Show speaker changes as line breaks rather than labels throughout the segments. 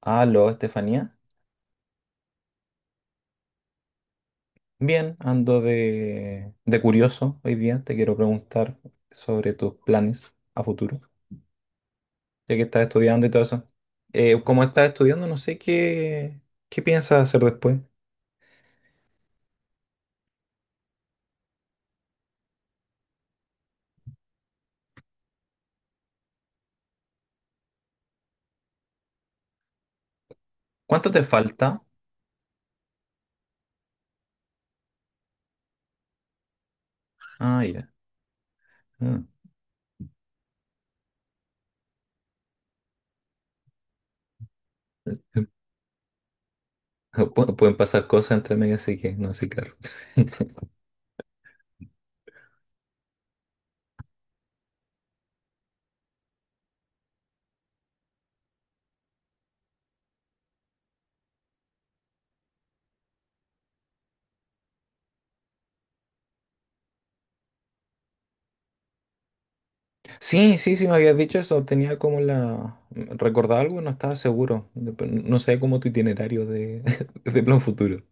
Aló, Estefanía. Bien, ando de curioso hoy día. Te quiero preguntar sobre tus planes a futuro, ya que estás estudiando y todo eso. Como estás estudiando, no sé qué piensas hacer después. ¿Cuánto te falta? Ah, ya. Ah. Pueden pasar cosas entre medio, así que no sé, claro. Sí, sí, sí, me habías dicho eso. Tenía como la. Recordaba algo y no estaba seguro. No sabía como tu itinerario de, de plan futuro.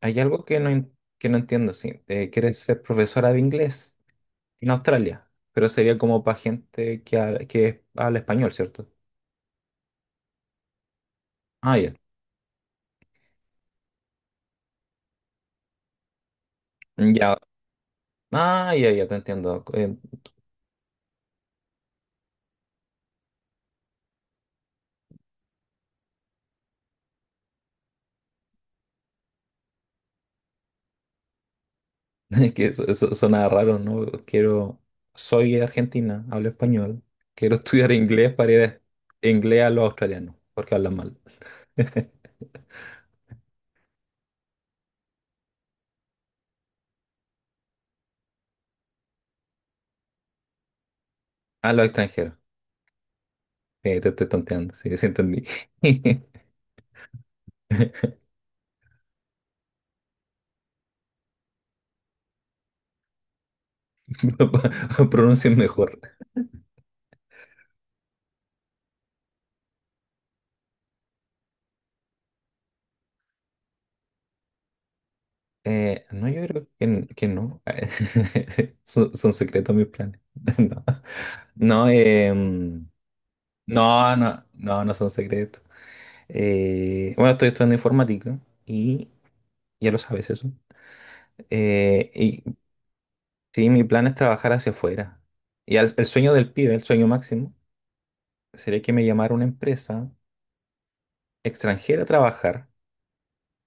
Hay algo que no entiendo, sí. Quieres ser profesora de inglés en Australia, pero sería como para gente que habla español, ¿cierto? Ah, ya. Ya. Ah, ya, ya te entiendo. Es que eso suena raro, ¿no? Quiero. Soy argentina, hablo español. Quiero estudiar inglés para ir a inglés a los australianos, porque hablan mal. A los extranjeros. Te estoy tonteando, sí, sí entendí. Pronuncien mejor. No, yo creo que, que no. Son secretos mis planes. No, no, no, no, no, no son secretos. Bueno, estoy estudiando informática y ya lo sabes eso. Y sí, mi plan es trabajar hacia afuera. Y el sueño del pibe, el sueño máximo, sería que me llamara una empresa extranjera a trabajar,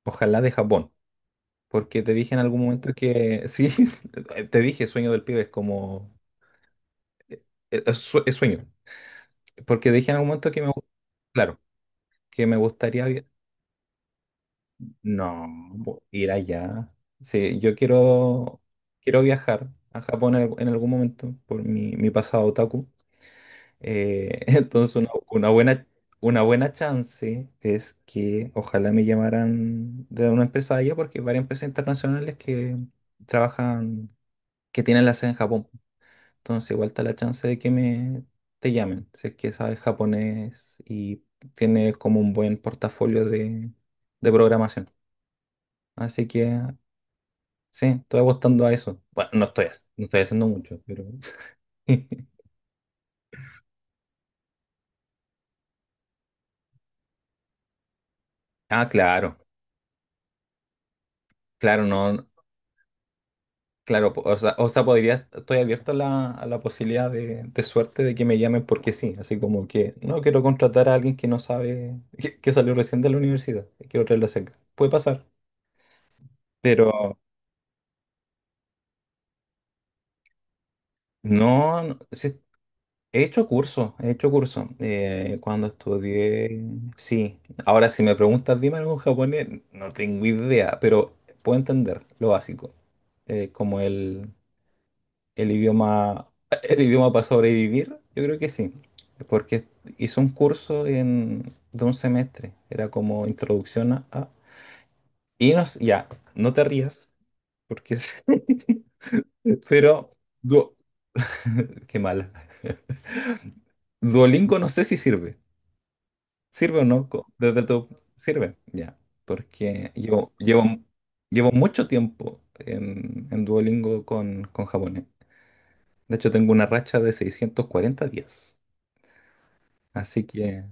ojalá de Japón. Porque te dije en algún momento que, sí, te dije sueño del pibe, es como. eh, es sueño, porque dije en algún momento que me, claro, que me gustaría no ir allá. Sí, yo quiero viajar a Japón en algún momento por mi pasado otaku. Entonces una buena chance es que ojalá me llamaran de una empresa allá porque hay varias empresas internacionales que trabajan que tienen la sede en Japón. Entonces igual está la chance de que me te llamen, si es que sabes japonés y tienes como un buen portafolio de programación. Así que sí, estoy apostando a eso. Bueno, no estoy haciendo mucho, pero. Ah, claro, claro, no, claro, o sea, podría, estoy abierto a la posibilidad de suerte de que me llamen porque sí, así como que no quiero contratar a alguien que no sabe, que salió recién de la universidad, quiero traerlo cerca. Puede pasar, pero. No, no, sí, he hecho curso, he hecho curso. Cuando estudié, sí. Ahora, si me preguntas, dime algo en japonés, no tengo idea, pero puedo entender lo básico. Como el idioma, el idioma para sobrevivir, yo creo que sí. Porque hice un curso de un semestre, era como introducción a. Y no, ya, no te rías, porque Pero, du- qué mal. Duolingo no sé si sirve. ¿Sirve o no? Desde tu. Sirve, ya. Porque llevo mucho tiempo en Duolingo con japonés. De hecho, tengo una racha de 640 días. Así que,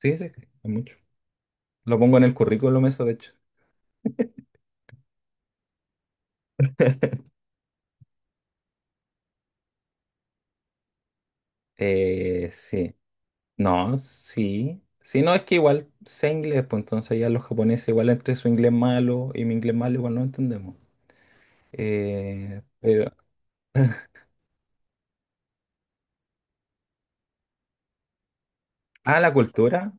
sí, sí, es mucho. Lo pongo en el currículum eso, de hecho. Sí. No, sí. Sí, no, es que igual sé inglés, pues entonces ya los japoneses, igual entre su inglés malo y mi inglés malo, igual no entendemos. Pero, ah, la cultura.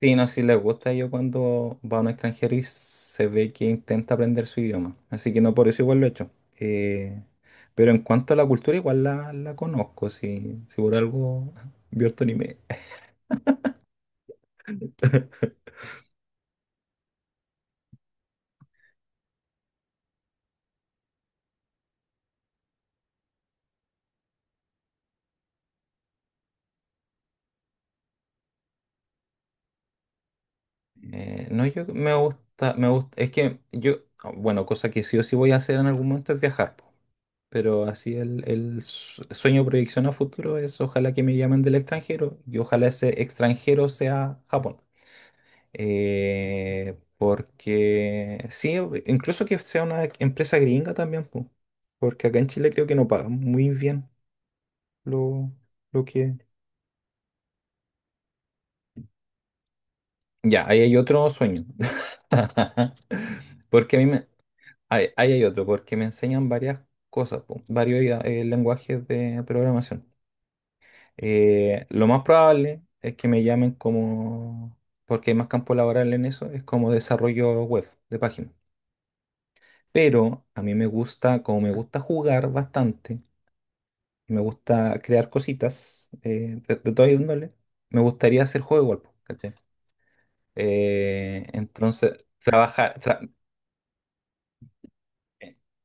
Sí, no, sí les gusta. Yo cuando va a un extranjero y se ve que intenta aprender su idioma. Así que no por eso igual lo he hecho. Eh, pero en cuanto a la cultura, igual la conozco. Si por algo vio este anime. No, yo me gusta, me gusta. Es que yo, bueno, cosa que sí o sí voy a hacer en algún momento es viajar, po. Pero así el sueño, proyección a futuro es ojalá que me llamen del extranjero y ojalá ese extranjero sea Japón. Porque sí, incluso que sea una empresa gringa también, po, porque acá en Chile creo que no pagan muy bien lo, lo que. Ya, ahí hay otro sueño. Porque a mí me. Ahí hay otro, porque me enseñan varias cosas, po, varios lenguajes de programación. Lo más probable es que me llamen como. Porque hay más campo laboral en eso, es como desarrollo web de páginas. Pero a mí me gusta, como me gusta jugar bastante, me gusta crear cositas de toda índole, me gustaría hacer juego igual, po, ¿cachai? Entonces, trabajar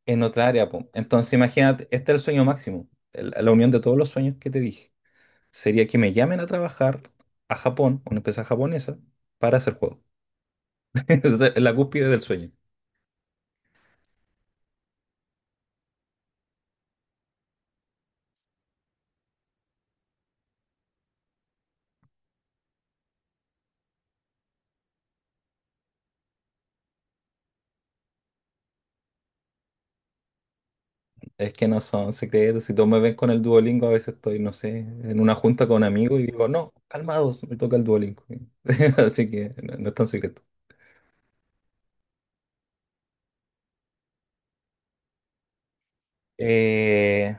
en otra área, po. Entonces, imagínate, este es el sueño máximo, la unión de todos los sueños que te dije. Sería que me llamen a trabajar a Japón, una empresa japonesa, para hacer juego. Esa es la cúspide del sueño. Es que no son secretos. Si todos me ven con el Duolingo, a veces estoy, no sé, en una junta con amigos y digo, no, calmados, me toca el Duolingo. Así que no, no es tan secreto. Eh,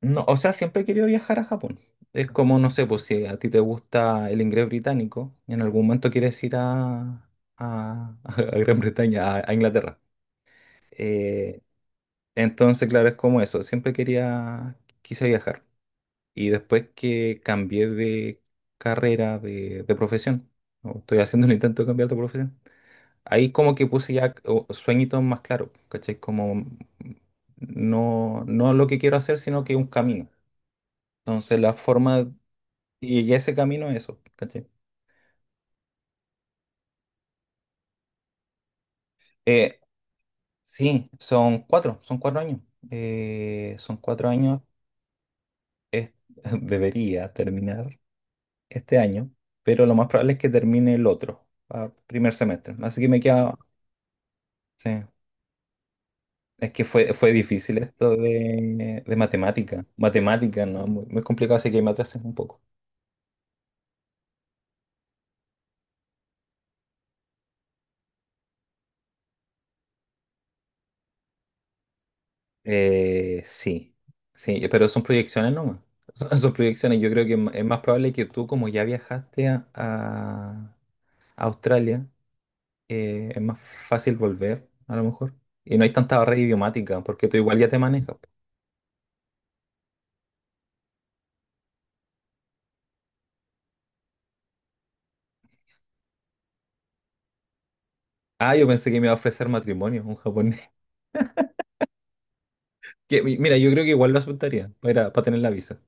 no, o sea, siempre he querido viajar a Japón. Es como, no sé, pues si a ti te gusta el inglés británico, y en algún momento quieres ir a Gran Bretaña, a Inglaterra. Eh, entonces, claro, es como eso. Siempre quise viajar. Y después que cambié de carrera, de profesión, ¿no? Estoy haciendo el intento de cambiar de profesión, ahí como que puse ya sueñitos más claros, ¿cachai? Como no, no lo que quiero hacer, sino que un camino. Entonces la forma, y llegué a ese camino es eso, ¿cachai? Eh, sí, son cuatro años. Son 4 años, es- debería terminar este año, pero lo más probable es que termine el otro, ah, primer semestre. Así que me queda. Sí. Es que fue difícil esto de matemática. Matemática, ¿no? Muy, muy complicado, así que me atrasé un poco. Sí, sí, pero son proyecciones nomás. Son proyecciones. Yo creo que es más probable que tú, como ya viajaste a Australia, es más fácil volver, a lo mejor. Y no hay tanta barrera idiomática, porque tú igual ya te manejas. Ah, yo pensé que me iba a ofrecer matrimonio un japonés. Que, mira, yo creo que igual lo aceptaría para tener la visa.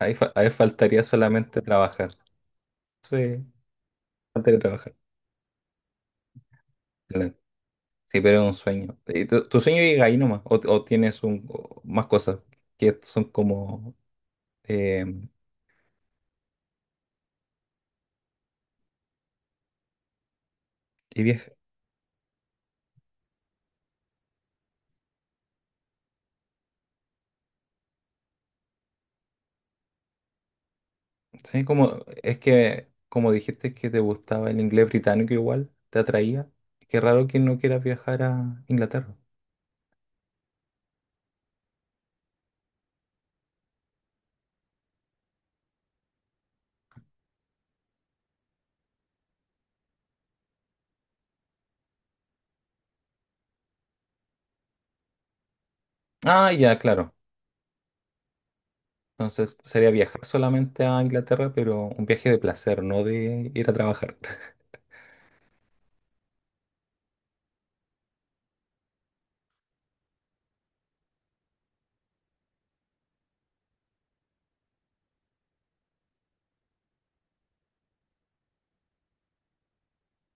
Ahí faltaría solamente trabajar. Sí. Falta que trabajar. Claro. Sí, pero es un sueño. ¿Y tu sueño llega ahí nomás? ¿O tienes un, o más cosas que son como? eh, y sí, como, es que, como dijiste que te gustaba el inglés británico igual, te atraía. Qué raro que no quieras viajar a Inglaterra. Ah, ya, claro. Entonces sería viajar solamente a Inglaterra, pero un viaje de placer, no de ir a trabajar.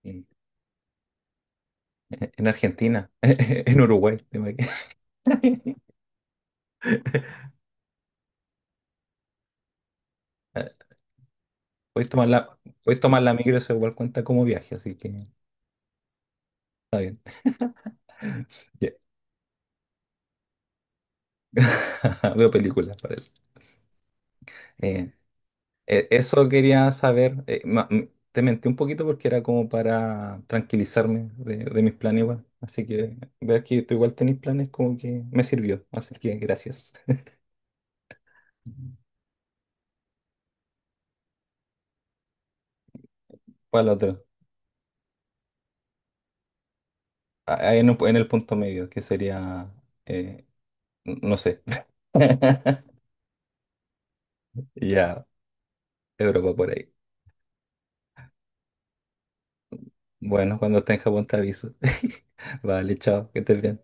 En en Argentina, en Uruguay. Te imagino. Puedes tomar la, puedes tomar la micro, eso igual cuenta como viaje, así que está bien. Ya. Veo películas para eso. Eh, Eso quería saber. Te mentí un poquito porque era como para tranquilizarme de mis planes igual. Así que ver que tú igual tenés planes como que me sirvió. Así que gracias. Para el otro. Ah, ahí en el punto medio, que sería, eh, no sé. Ya, Europa por ahí. Bueno, cuando esté en Japón te aviso. Vale, chao, que estés bien.